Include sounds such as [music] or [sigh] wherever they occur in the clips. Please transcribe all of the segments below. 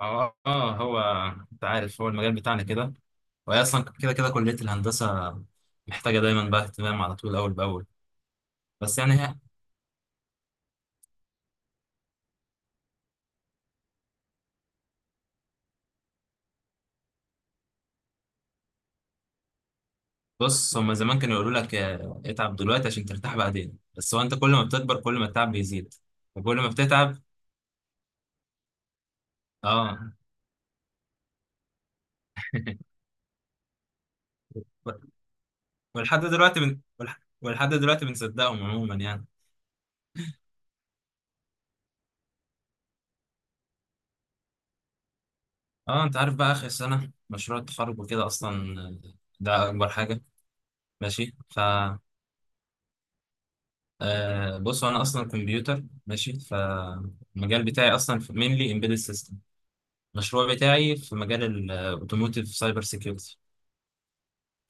هو انت عارف، هو المجال بتاعنا كده. وهي اصلا كده كليه الهندسه محتاجه دايما بقى اهتمام على طول، اول باول. بس يعني هي بص، هما زمان كانوا يقولوا لك اتعب دلوقتي عشان ترتاح بعدين، بس هو انت كل ما بتكبر كل ما التعب بيزيد وكل ما بتتعب. اه. [laughs] ولحد دلوقتي بنصدقهم عموما يعني. اه انت عارف بقى، اخر سنه مشروع التخرج وكده اصلا ده اكبر حاجه. ماشي ف أه بص، انا اصلا كمبيوتر، ماشي فالمجال بتاعي اصلا، مينلي امبيدد سيستم. المشروع بتاعي في مجال الاوتوموتيف سايبر سيكيورتي.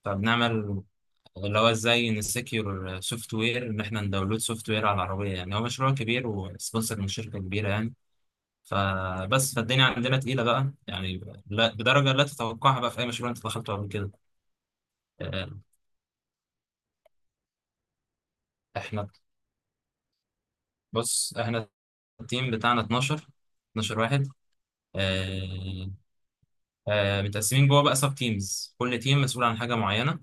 فبنعمل اللي هو ازاي نسكيور سوفت وير ان احنا نداونلود سوفت وير على العربيه. يعني هو مشروع كبير وسبونسر من شركه كبيره يعني. فبس فالدنيا عندنا تقيله بقى يعني، لا بدرجه لا تتوقعها بقى في اي مشروع انت دخلته قبل كده. أه احنا، بص، التيم بتاعنا 12، 12 واحد. آه، متقسمين جوه بقى سب تيمز، كل تيم مسؤول عن حاجه معينه.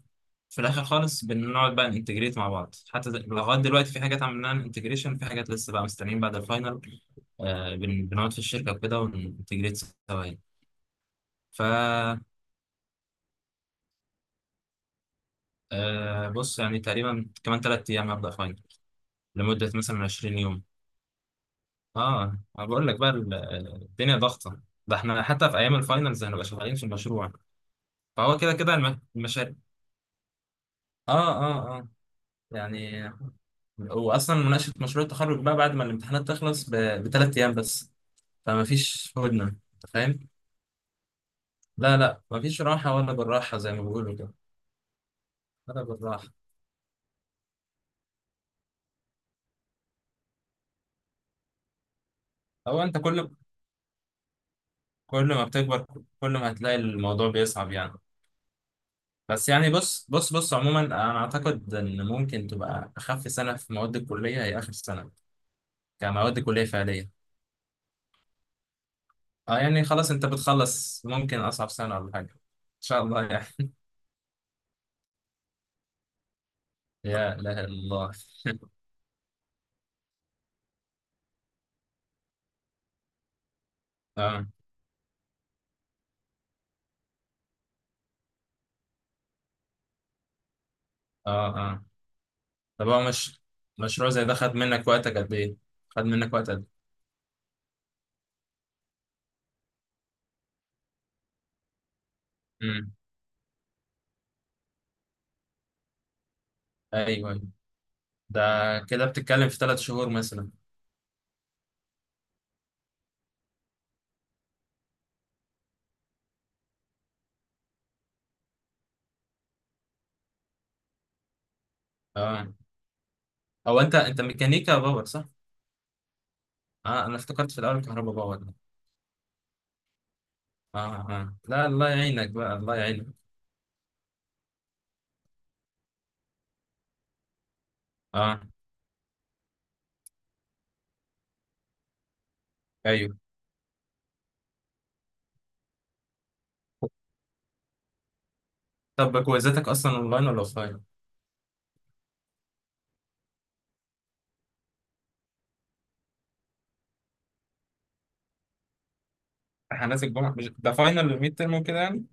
في الاخر خالص بنقعد بقى ننتجريت مع بعض. حتى لغايه دلوقتي في حاجات عملناها انتجريشن، في حاجات لسه بقى مستنيين بعد الفاينل. بنقعد في الشركه وكده وننتجريت سوا يعني. ف آه، بص يعني تقريبا كمان ثلاث ايام هبدا فاينل، لمده مثلا 20 يوم. اه انا بقول لك بقى، الدنيا ضغطه، ده احنا حتى في ايام الفاينلز هنبقى شغالين في المشروع. فهو كده كده المشاريع. اه يعني، واصلا مناقشه مشروع التخرج بقى بعد ما الامتحانات تخلص بثلاث ايام بس. فما فيش هدنه انت فاهم. لا لا، ما فيش راحه ولا بالراحه زي ما بيقولوا كده. ولا بالراحه. هو انت كل ما بتكبر، كل ما هتلاقي الموضوع بيصعب يعني. بس يعني بص، عموما انا اعتقد ان ممكن تبقى اخف سنه في مواد الكليه هي اخر سنه، كمواد كليه فعليه. اه يعني خلاص، انت بتخلص ممكن اصعب سنه ولا حاجه ان شاء الله يعني. يا لا الله. [laughs] اه اه اه. طب هو مش، مشروع زي ده خد منك وقتك قد ايه؟ خد منك وقت قد ايه؟ ايوه ايوه. ده كده بتتكلم في ثلاث شهور مثلا. اه. او انت، انت ميكانيكا باور صح؟ اه انا افتكرت في الاول كهرباء باور ده. اه. اه لا، الله يعينك بقى، الله يعينك. اه ايوه. طب كويزاتك اصلا اونلاين ولا اوفلاين؟ امتحانات الجمعه، مش ده فاينل الميد ترم وكده يعني؟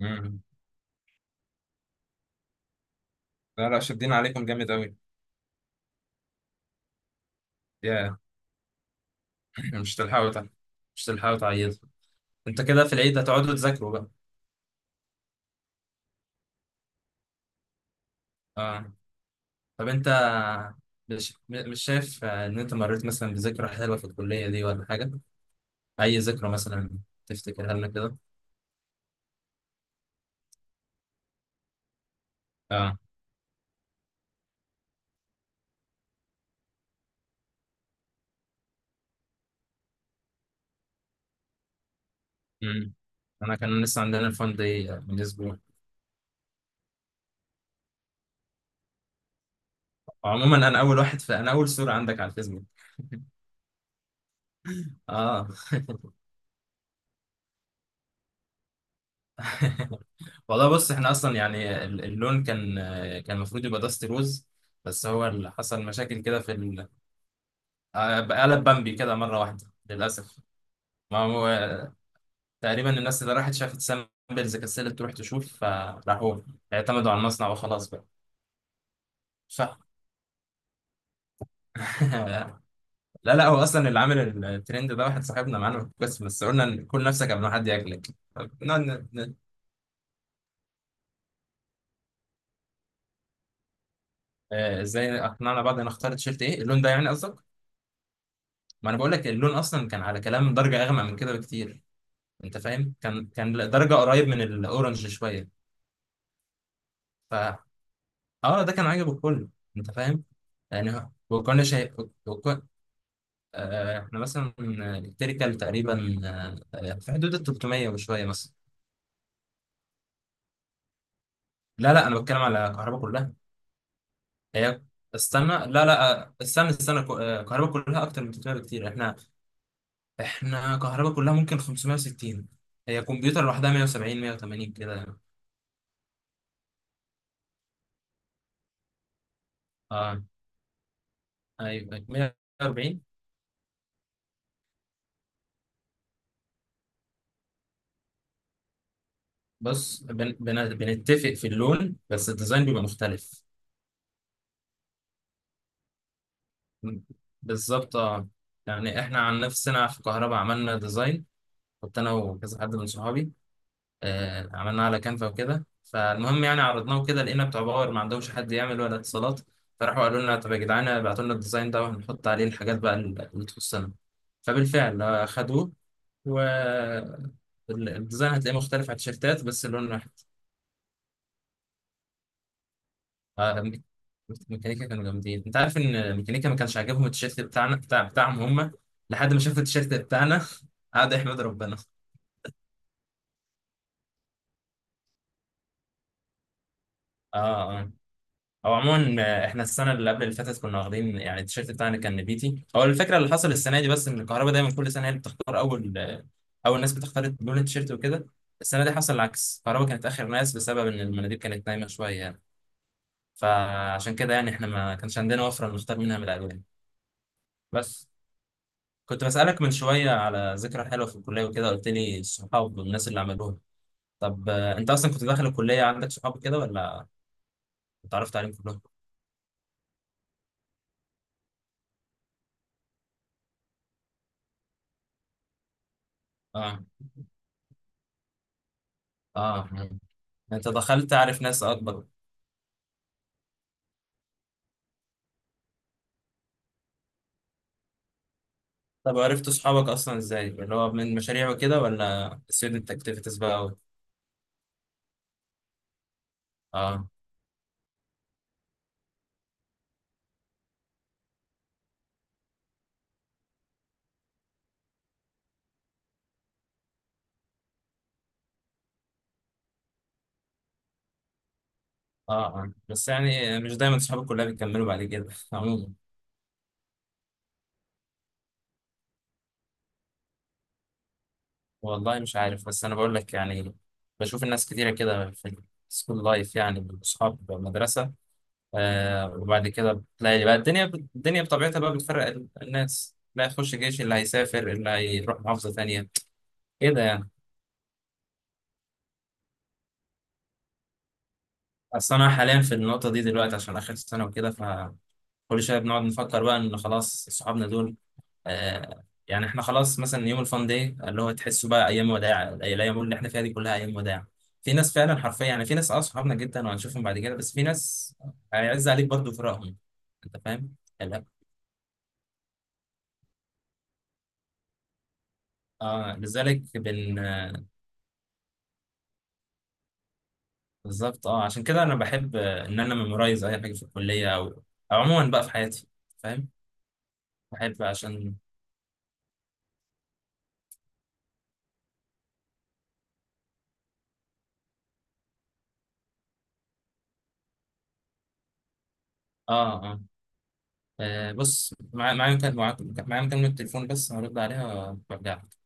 امم. لا لا، شادين عليكم جامد قوي. يا [clears throat] مش تلحقوا تع- مش تلحقوا تعيدوا. انت كده في العيد هتقعدوا تذاكروا بقى. اه. طب انت مش، مش شايف ان انت مريت مثلا بذكرى حلوه في الكليه دي ولا حاجه؟ اي ذكرى مثلا تفتكرها لنا كده. اه. امم. انا كان لسه عندنا الفان دي من اسبوع. عموما انا اول واحد في، انا اول صوره عندك على الفيسبوك. اه. [laughs] والله بص، احنا اصلا يعني اللون كان، كان المفروض يبقى داست روز، بس هو اللي حصل مشاكل كده في قلب بامبي كده مره واحده للاسف. ما هو تقريبا الناس اللي راحت شافت سامبلز كسلت تروح تشوف، فراحوا اعتمدوا على المصنع وخلاص بقى. صح. [laughs] لا لا، هو اصلا اللي عامل الترند ده واحد صاحبنا معانا، بس قلنا إن كل نفسك قبل ما حد ياكلك. طب ازاي اقنعنا بعض نختار تيشيرت ايه، اللون ده يعني قصدك؟ ما انا بقول لك، اللون اصلا كان على كلام درجه اغمق من كده بكتير. انت فاهم، كان درجه قريب من الاورنج شويه. ف اه ده كان عاجب الكل. انت فاهم؟ يعني وكنا شايف، احنا مثلا التركل تقريبا في حدود ال 300 وشويه مثلا. لا لا، انا بتكلم على الكهرباء كلها. هي استنى، لا لا، آه، استنى استنى ك- آه، الكهرباء كلها اكتر من 300 بكتير. احنا كهرباء كلها ممكن 560. هي كمبيوتر لوحدها 170، 180 كده يعني. اه ايوه 140. بص بن بن بنتفق في اللون، بس الديزاين بيبقى مختلف. م- بالظبط اه. يعني احنا عن نفسنا في كهرباء عملنا ديزاين، كنت انا وكذا حد من صحابي، عملناه على كانفا وكده. فالمهم يعني، عرضناه كده لقينا بتوع باور ما عندهمش حد يعمل ولا اتصالات، فراحوا قالوا لنا طب يا جدعان ابعتوا لنا الديزاين ده وهنحط عليه الحاجات بقى اللي تخصنا. فبالفعل خدوه. و الديزاين هتلاقيه مختلف على التيشيرتات، بس اللون واحد. آه، ميك- ميكانيكا كانوا جامدين. انت عارف ان ميكانيكا ما كانش عاجبهم التيشيرت بتاعنا بتاعهم هم، لحد ما شافوا التيشيرت بتاعنا. [laughs] قعدوا يحمدوا ربنا. اه. آه. او عموما احنا السنه اللي قبل اللي فاتت كنا واخدين يعني التيشيرت بتاعنا كان نبيتي. هو الفكره اللي حصل السنه دي بس ان الكهرباء دايما كل سنه هي اللي بتختار اول، اول ناس بتختار لون التيشيرت وكده. السنه دي حصل العكس، الكهرباء كانت اخر ناس بسبب ان المناديب كانت نايمه شويه يعني. فعشان كده يعني احنا ما كانش عندنا وفره نختار منها من الالوان. بس كنت بسالك من شويه على ذكرى حلوه في الكليه وكده، قلت لي الصحاب والناس اللي عملوها. طب انت اصلا كنت داخل الكليه عندك صحاب كده ولا اتعرفت عليهم كلهم؟ اه اه يعني انت دخلت عارف ناس اكبر. طب عرفت اصحابك اصلا ازاي؟ اللي هو من مشاريع وكده ولا student activities بقى و... اه اه اه. بس يعني مش دايما اصحاب الكليه بيكملوا بعد كده. [laughs] عموما والله مش عارف، بس انا بقول لك يعني، بشوف الناس كتيره كده في السكول لايف يعني، اصحاب مدرسه. آه وبعد كده بتلاقي بقى الدنيا بطبيعتها بقى بتفرق الناس، اللي هيخش جيش، اللي هيسافر، اللي هيروح محافظه تانيه، كده يعني. اصل انا حاليا في النقطه دي دلوقتي عشان اخر سنه وكده، كل شويه بنقعد نفكر بقى ان خلاص صحابنا دول، آه يعني احنا خلاص مثلا يوم الفان داي اللي هو تحسه بقى ايام وداع. الايام اللي احنا فيها دي كلها ايام وداع. في ناس فعلا حرفيا يعني، في ناس اه صحابنا جدا وهنشوفهم بعد كده، بس في ناس هيعز عليك برضه فراقهم. انت فاهم؟ لا. اه لذلك بن آه، بالظبط اه. عشان كده انا بحب ان انا ميمورايز اي حاجه في الكليه، او او عموما بقى في حياتي. فاهم؟ بحب عشان اه اه آه بص، معايا معايا مكالمة تليفون، بس هرد عليها وارجع لك.